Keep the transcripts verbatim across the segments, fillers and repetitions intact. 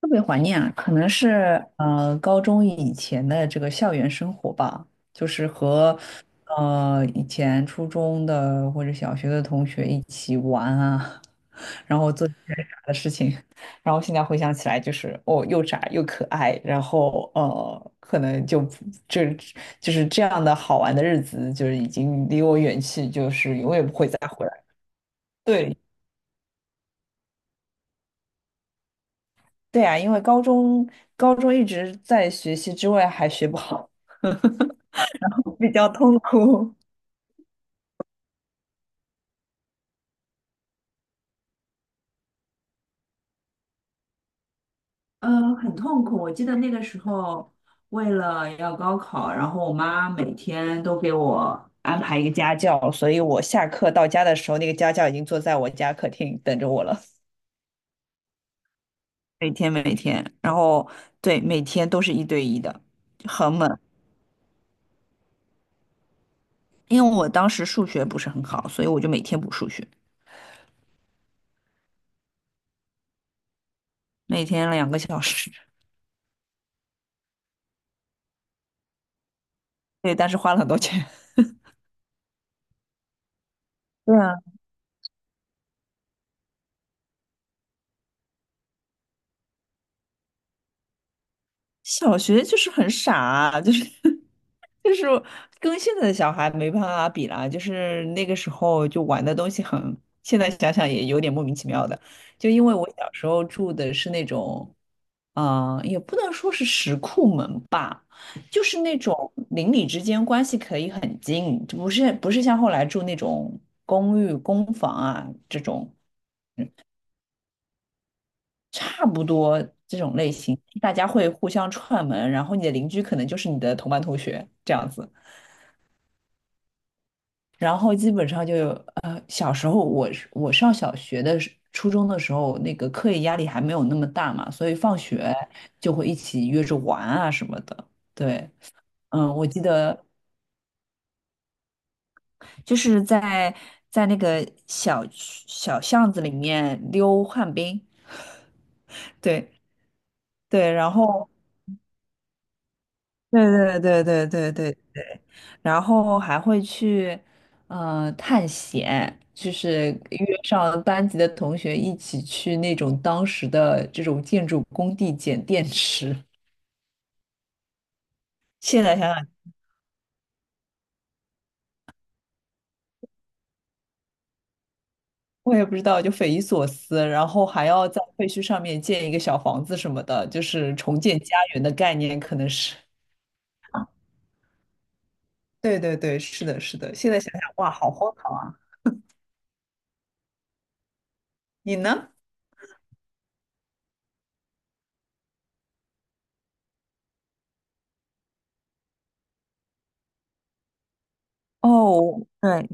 特别怀念啊，可能是呃高中以前的这个校园生活吧，就是和呃以前初中的或者小学的同学一起玩啊，然后做一些傻的事情，然后现在回想起来就是哦又傻又可爱，然后呃可能就不就就是这样的好玩的日子就是已经离我远去，就是永远不会再回来。对，对啊，因为高中高中一直在学习之外还学不好，然后比较痛苦。呃，很痛苦。我记得那个时候，为了要高考，然后我妈每天都给我安排一个家教，所以我下课到家的时候，那个家教已经坐在我家客厅等着我了。每天每天，然后对，每天都是一对一的，很猛。因为我当时数学不是很好，所以我就每天补数学，每天两个小时。对，但是花了很多钱。对啊，小学就是很傻啊就是就是跟现在的小孩没办法比啦，就是那个时候就玩的东西很，现在想想也有点莫名其妙的，就因为我小时候住的是那种，嗯、也不能说是石库门吧，就是那种邻里之间关系可以很近，就不是不是像后来住那种公寓、公房啊这种，差不多这种类型，大家会互相串门，然后你的邻居可能就是你的同班同学这样子，然后基本上就有呃，小时候我是我上小学的时初中的时候，那个课业压力还没有那么大嘛，所以放学就会一起约着玩啊什么的。对，嗯，我记得就是在在那个小区小巷子里面溜旱冰，对对，然后对对对对对对。然后还会去呃探险，就是约上班级的同学一起去那种当时的这种建筑工地捡电池。现在想想，我也不知道，就匪夷所思。然后还要在废墟上面建一个小房子什么的，就是重建家园的概念，可能是。对对对，是的，是的。现在想想，哇，好荒唐啊！你呢？哦，对，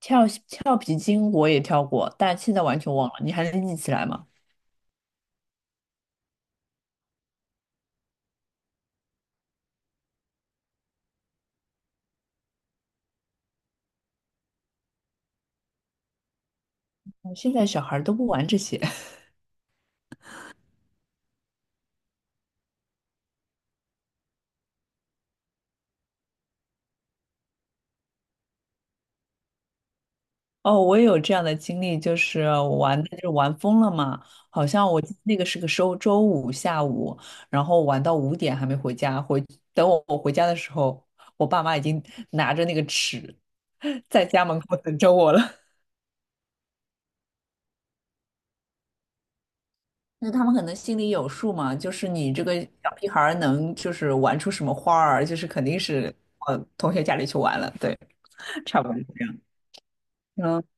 跳跳皮筋我也跳过，但现在完全忘了。你还能记起来吗？现在小孩儿都不玩这些 哦，我也有这样的经历，就是我玩的就是玩疯了嘛，好像我记得那个是个周周五下午，然后玩到五点还没回家，回等我我回家的时候，我爸妈已经拿着那个尺 在家门口等着我了。那他们可能心里有数嘛，就是你这个小屁孩儿能就是玩出什么花儿，就是肯定是往同学家里去玩了，对，差不多是这样。嗯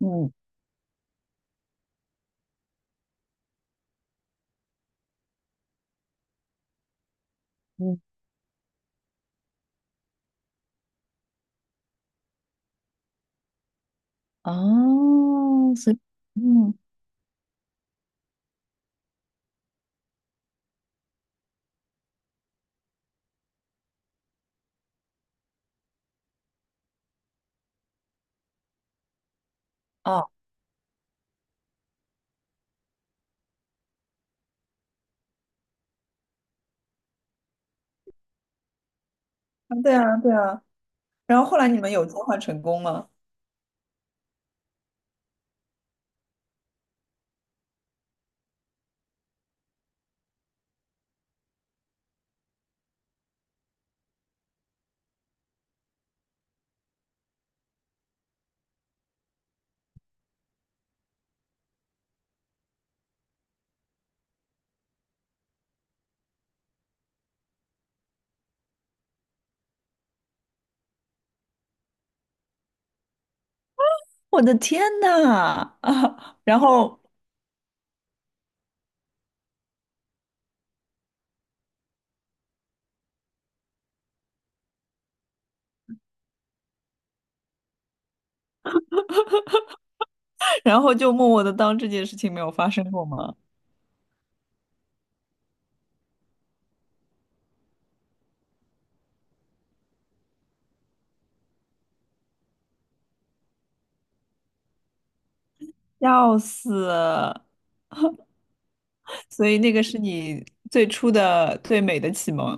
嗯嗯。哦，所以，嗯，哦，啊，对啊，对啊。然后后来你们有交换成功吗？我的天呐，啊，然后，然后就默默的当这件事情没有发生过吗？笑死！所以那个是你最初的最美的启蒙，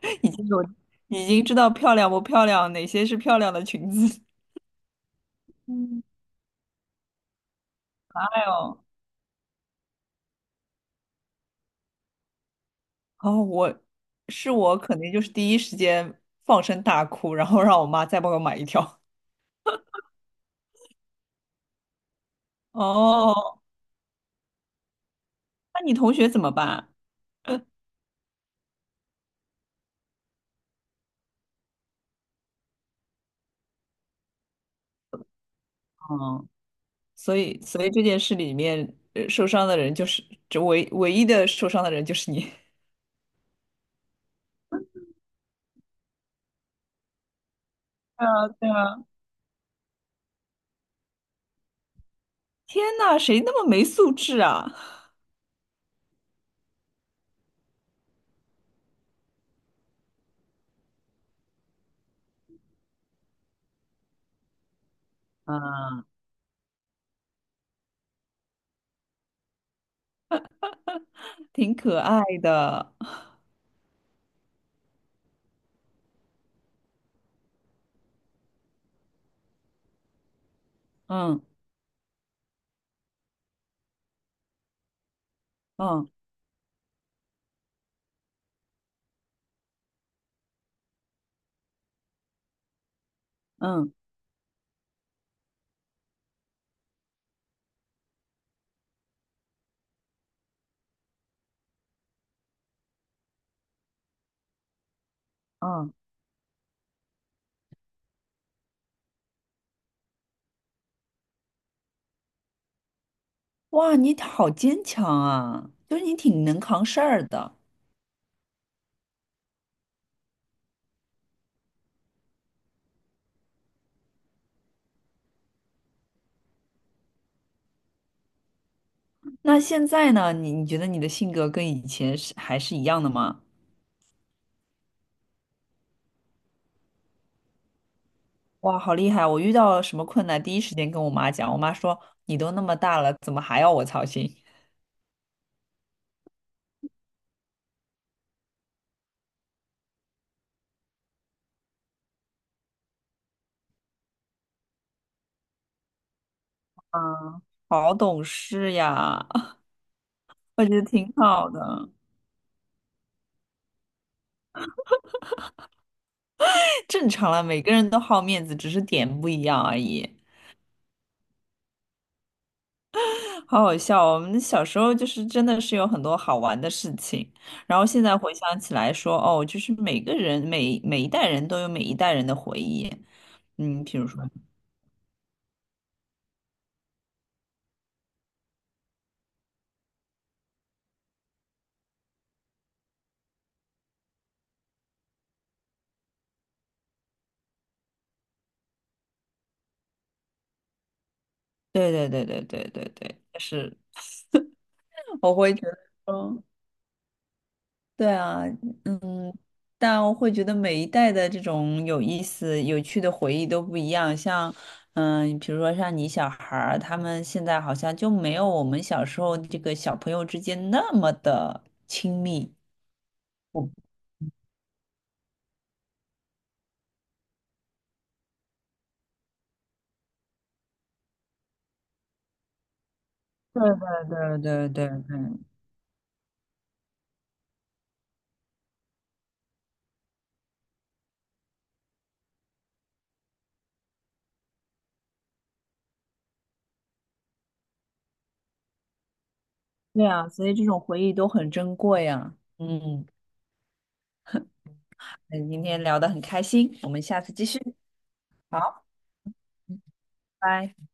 已经有，已经知道漂亮不漂亮，哪些是漂亮的裙子。嗯，哎呦，哦，我是我肯定就是第一时间放声大哭，然后让我妈再帮我买一条。哦，那你同学怎么办？嗯，所以所以这件事里面，呃受伤的人就是这唯唯一的受伤的人就是你。对啊，对啊，天呐，谁那么没素质啊？啊，挺可爱的，嗯嗯嗯嗯，哇，你好坚强啊，就是你挺能扛事儿的。那现在呢？你你觉得你的性格跟以前是还是一样的吗？哇，好厉害！我遇到什么困难，第一时间跟我妈讲。我妈说：“你都那么大了，怎么还要我操心？”好懂事呀，我觉得挺好的。正常了，每个人都好面子，只是点不一样而已。好好笑哦我们小时候就是真的是有很多好玩的事情，然后现在回想起来说，哦，就是每个人每每一代人都有每一代人的回忆。嗯，比如说，对对对对对对对，但是我会觉得说，对啊。但我会觉得每一代的这种有意思、有趣的回忆都不一样。像，嗯，比如说像你小孩儿，他们现在好像就没有我们小时候这个小朋友之间那么的亲密。我对对对对对对，对啊，所以这种回忆都很珍贵啊。嗯，那今天聊得很开心，我们下次继续。好，拜。